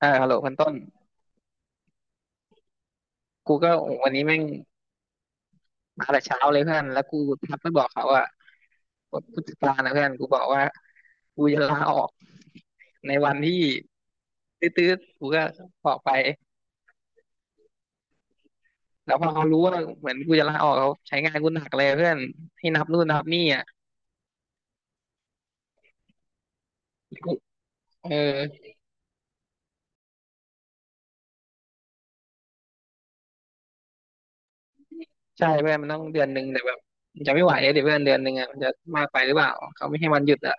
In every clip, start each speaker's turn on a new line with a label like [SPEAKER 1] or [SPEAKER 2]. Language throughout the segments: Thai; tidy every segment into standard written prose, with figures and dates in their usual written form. [SPEAKER 1] อ่าฮัลโหลพันต้นกูก็วันนี้แม่งมาแต่เช้าเลยเพื่อนแล้วกูทักไปบอกเขาว่าผู้จัดการนะเพื่อนกูบอกว่ากูจะลาออกในวันที่ตื้อๆกูก็บอกไปแล้วพอเขารู้ว่าเหมือนกูจะลาออกเขาใช้งานกูหนักเลยเพื่อนให้นับนู่นนับนี่อะกูเออใช่เพื่อนมันต้องเดือนหนึ่งแต่แบบมันจะไม่ไหวเลยเดี๋ยวเพื่อนเดือนหนึ่งอะมันจะมากไปหรือเปล่าเขาไม่ให้วันหยุดอะ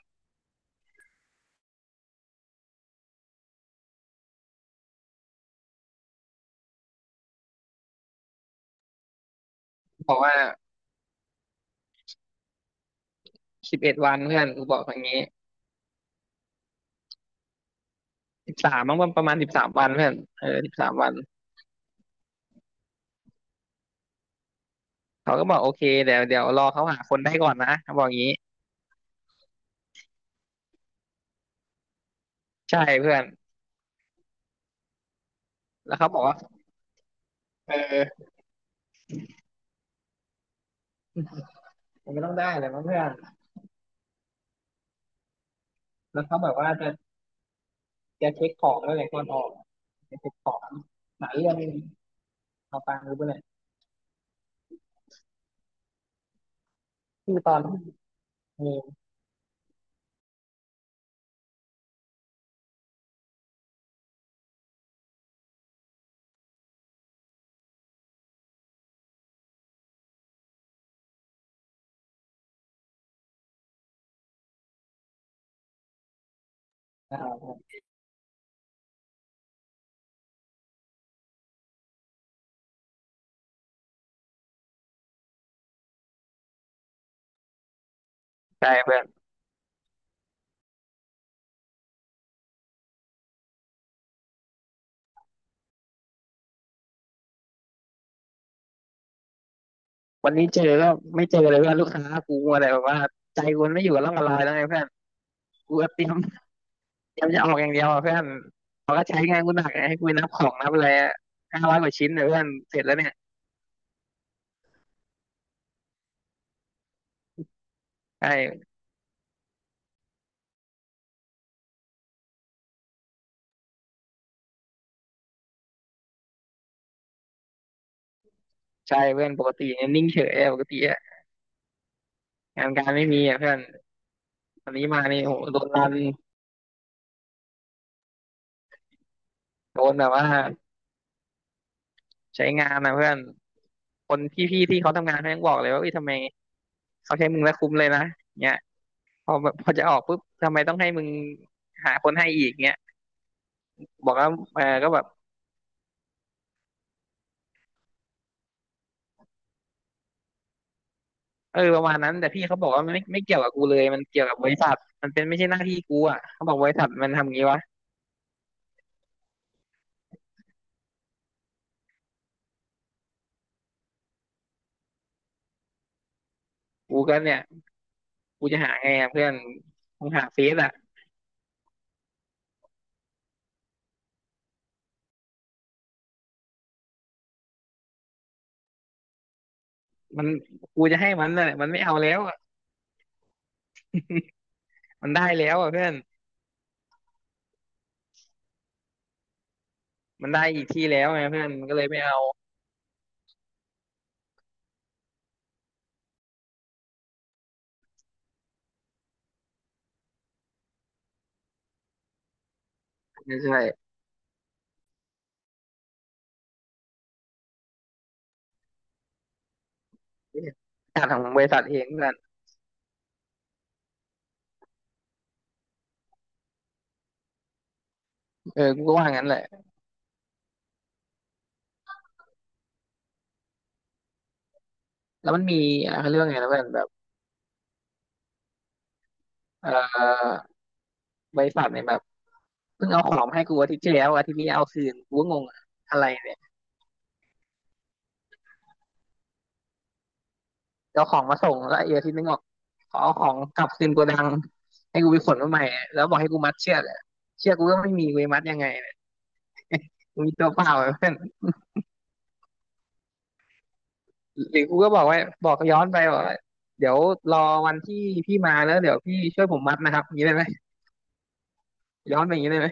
[SPEAKER 1] บอกว่า11 วันเพื่อนกูบอกอย่างนี้สิบสามมั้งประมาณสิบสามวันเพื่อนเออสิบสามวัน เขาก็บอกโอเคเดี๋ยวรอเขาหาคนได้ก่อนนะเขาบอกอย่างนี้ใช่เพื่อนแล้วเขาบอกว่าเออมันก็ต้องได้แหละมั้งเพื่อนแล้วเขาแบบว่าจะเช็คของแล้วแหละก่อนออกจะเช็คของหลายเรื่องเอาฟังรู้ไปเลยคือตอนที่เออนะครับใช่เพื่อนวันนี้เจอก็ไม่เจอเลยเพื่อนลูกค้ากูอะไรแบบว่าใจกูไม่อยู่กับร่องกับรอยแล้วไงเพื่อนกูก็เตรียมจะออกอย่างเดียวอะเพื่อนเขาก็ใช้งานกูหนักไงให้กูนับของนับอะไร500 กว่าชิ้นเนี่ยเพื่อนเสร็จแล้วเนี่ยใช่ ใช่เพื่อนปกติเนี่ยนิ่งเฉยอะปกติอะงานการไม่มีอะเพื่อนตอนนี้มานี่โหโดนรันโดนแบบว่าใช้งานนะเพื่อนคนพี่ๆที่เขาทำงานเขายังบอกเลยว่าเอ้ยทำไมเขาใช้มึงแล้วคุ้มเลยนะเนี่ยพอแบบพอจะออกปุ๊บทำไมต้องให้มึงหาคนให้อีกเนี่ยบอกว่าเออก็แบบเออประมาณนั้นแต่พี่เขาบอกว่ามันไม่เกี่ยวกับกูเลยมันเกี่ยวกับบริษัทมันเป็นไม่ใช่หน้าที่กูอ่ะเขาบอกบริษัทมันทำงี้วะกูก็เนี่ยกูจะหาไงอะเพื่อนคงหาเฟซอ่ะมันกูจะให้มันน่ะมันไม่เอาแล้ว มันได้แล้วอ่ะเพื่อนมันได้อีกที่แล้วไงเพื่อนมันก็เลยไม่เอาใช่จาดของบริษัทเองเพื่อนเออกูก็ว่างั้นแหละแล้วมันมีอ่ะเขาเรื่อง่ไงนะเพื่อนแบบเออบริษัทเนี่ยแบบเพิ่งเอาของมาให้กูอาทิตย์ที่แล้วอาทิตย์นี้เอาคืนกูก็งงอะอะไรเนี่ยเอาของมาส่งแล้วไอ้อาทิตย์นึงบอกขอเอาของกลับคืนโกดังให้กูไปขนมาใหม่แล้วบอกให้กูมัดเชือกอะเชือกกูก็ไม่มีกูจะมัดยังไงเนี่ยกูมีตัวเปล่าอะเพื่อน หรือกูก็บอกว่าบอกย้อนไปบอกว่าเดี๋ยวรอวันที่พี่มาแล้วเดี๋ยวพี่ช่วยผมมัดนะครับอย่างนี้ได้ไหมย้อนไปอย่างนี้ได้ไหม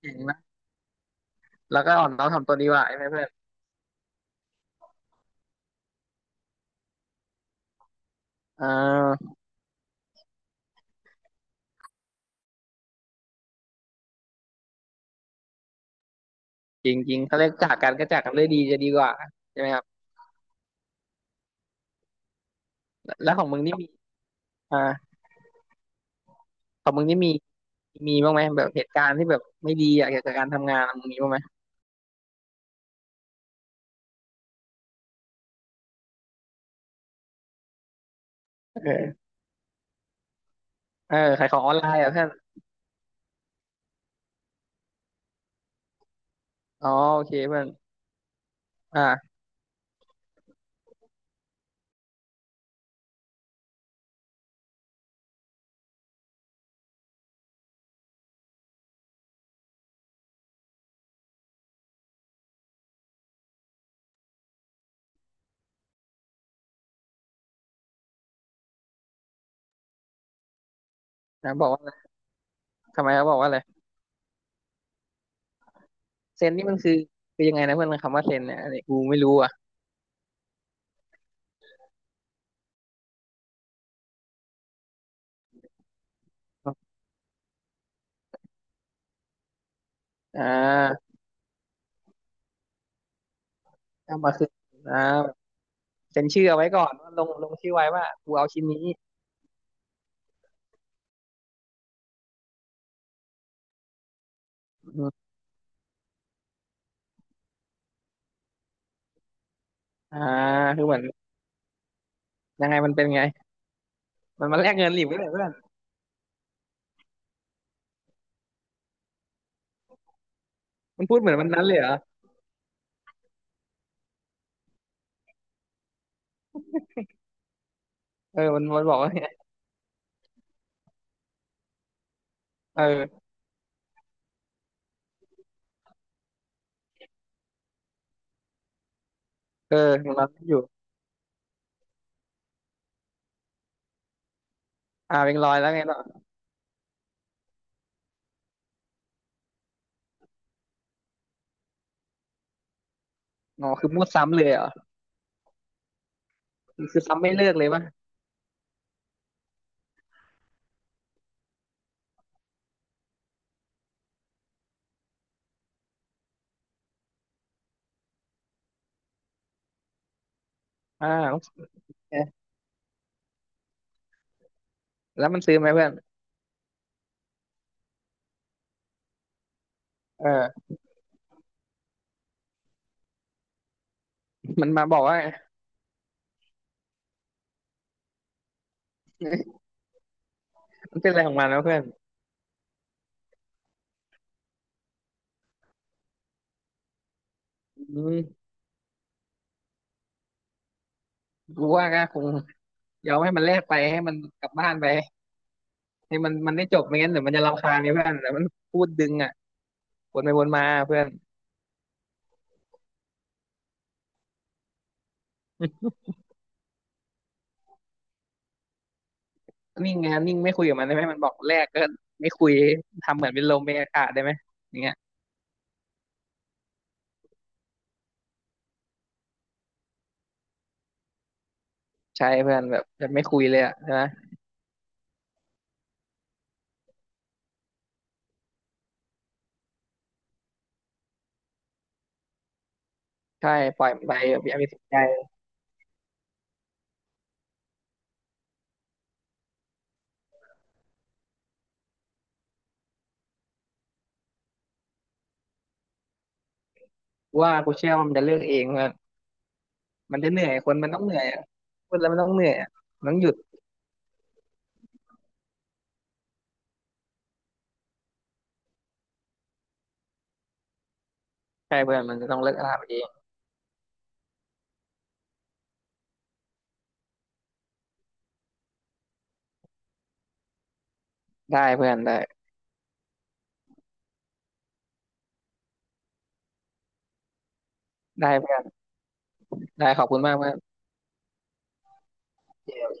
[SPEAKER 1] เก่งนะแล้วก็อ่อนน้อมถ่อมตนดีกว่าใช่ไหมเพื่อนอ่าจริงจริงเขาเรียกจากกันก็จากกันด้วยดีจะดีกว่าใช่ไหมครับแล้วของมึงนี่มีอ่าของมึงนี่มีมีบ้างไหมแบบเหตุการณ์ที่แบบไม่ดีอะเกี่ยวกับการทำงานมึงมีบ้างไหมเออเออขายของออนไลน์อ่ะเพื่อนอ๋อโอเคเพื่อนอ่านะบอกว่าทำไมเขาบอกว่าอะไรเซนนี่มันคือคือยังไงนะเพื่อนคำว่าเซนเนี่ยอันนี้กูไม่รู้อ่ะอ่า เอามาคืนอ่าเซ็นชื่อเอาไว้ก่อนว่าลงชื่อไว้ว่ากูเอาชิ้นนี้อืมอ่าคือเหมือนยังไงมันเป็นไงมันมาแลกเงินหลิบกันเหรือเปล่าเพื่อนมันพูดเหมือนมันนั้นเลยเหรอเออมันมันบอกว่าไงเออเออมันรับอยู่อ่าเป็นรอยแล้วไงต่ออ๋อคือมั่วซ้ำเลยเหรอคือซ้ำไม่เลิกเลยป่ะอ่าโอเคแล้วมันซื้อไหมเพื่อนเออมันมาบอกว่ามันเป็นอะไรของมันแล้วะเพื่อนอืมกูว่าก็คงยอมให้มันแลกไปให้มันกลับบ้านไปให้มันมันได้จบไม่งั้นเดี๋ยวมันจะรำคาญไงเพื่อนแต่มันพูดดึงอ่ะวนไปวนมาเพื่อน นิ่งไงนิ่งไม่คุยกับมันได้ไหมมันบอกแรกก็ไม่คุยทำเหมือนเป็นลมเป็นอากาศได้ไหมอย่างเงี้ยใช่เพื่อนแบบจะไม่คุยเลยอะใช่ไหมใช่ปล่อยมันไปแบบอย่าไปสนใจว่ากูเชื่อว่ามันจะเลือกเองเพื่อนมันจะเหนื่อยคนมันต้องเหนื่อยอะพูดแล้วมันต้องเหนื่อยอะมันต้องหยุดใช่เพื่อนมันจะต้องเลิกอาหารเองได้เพื่อนได้ได้เพื่อนได้ขอบคุณมากเพื่อนโอเคโอเค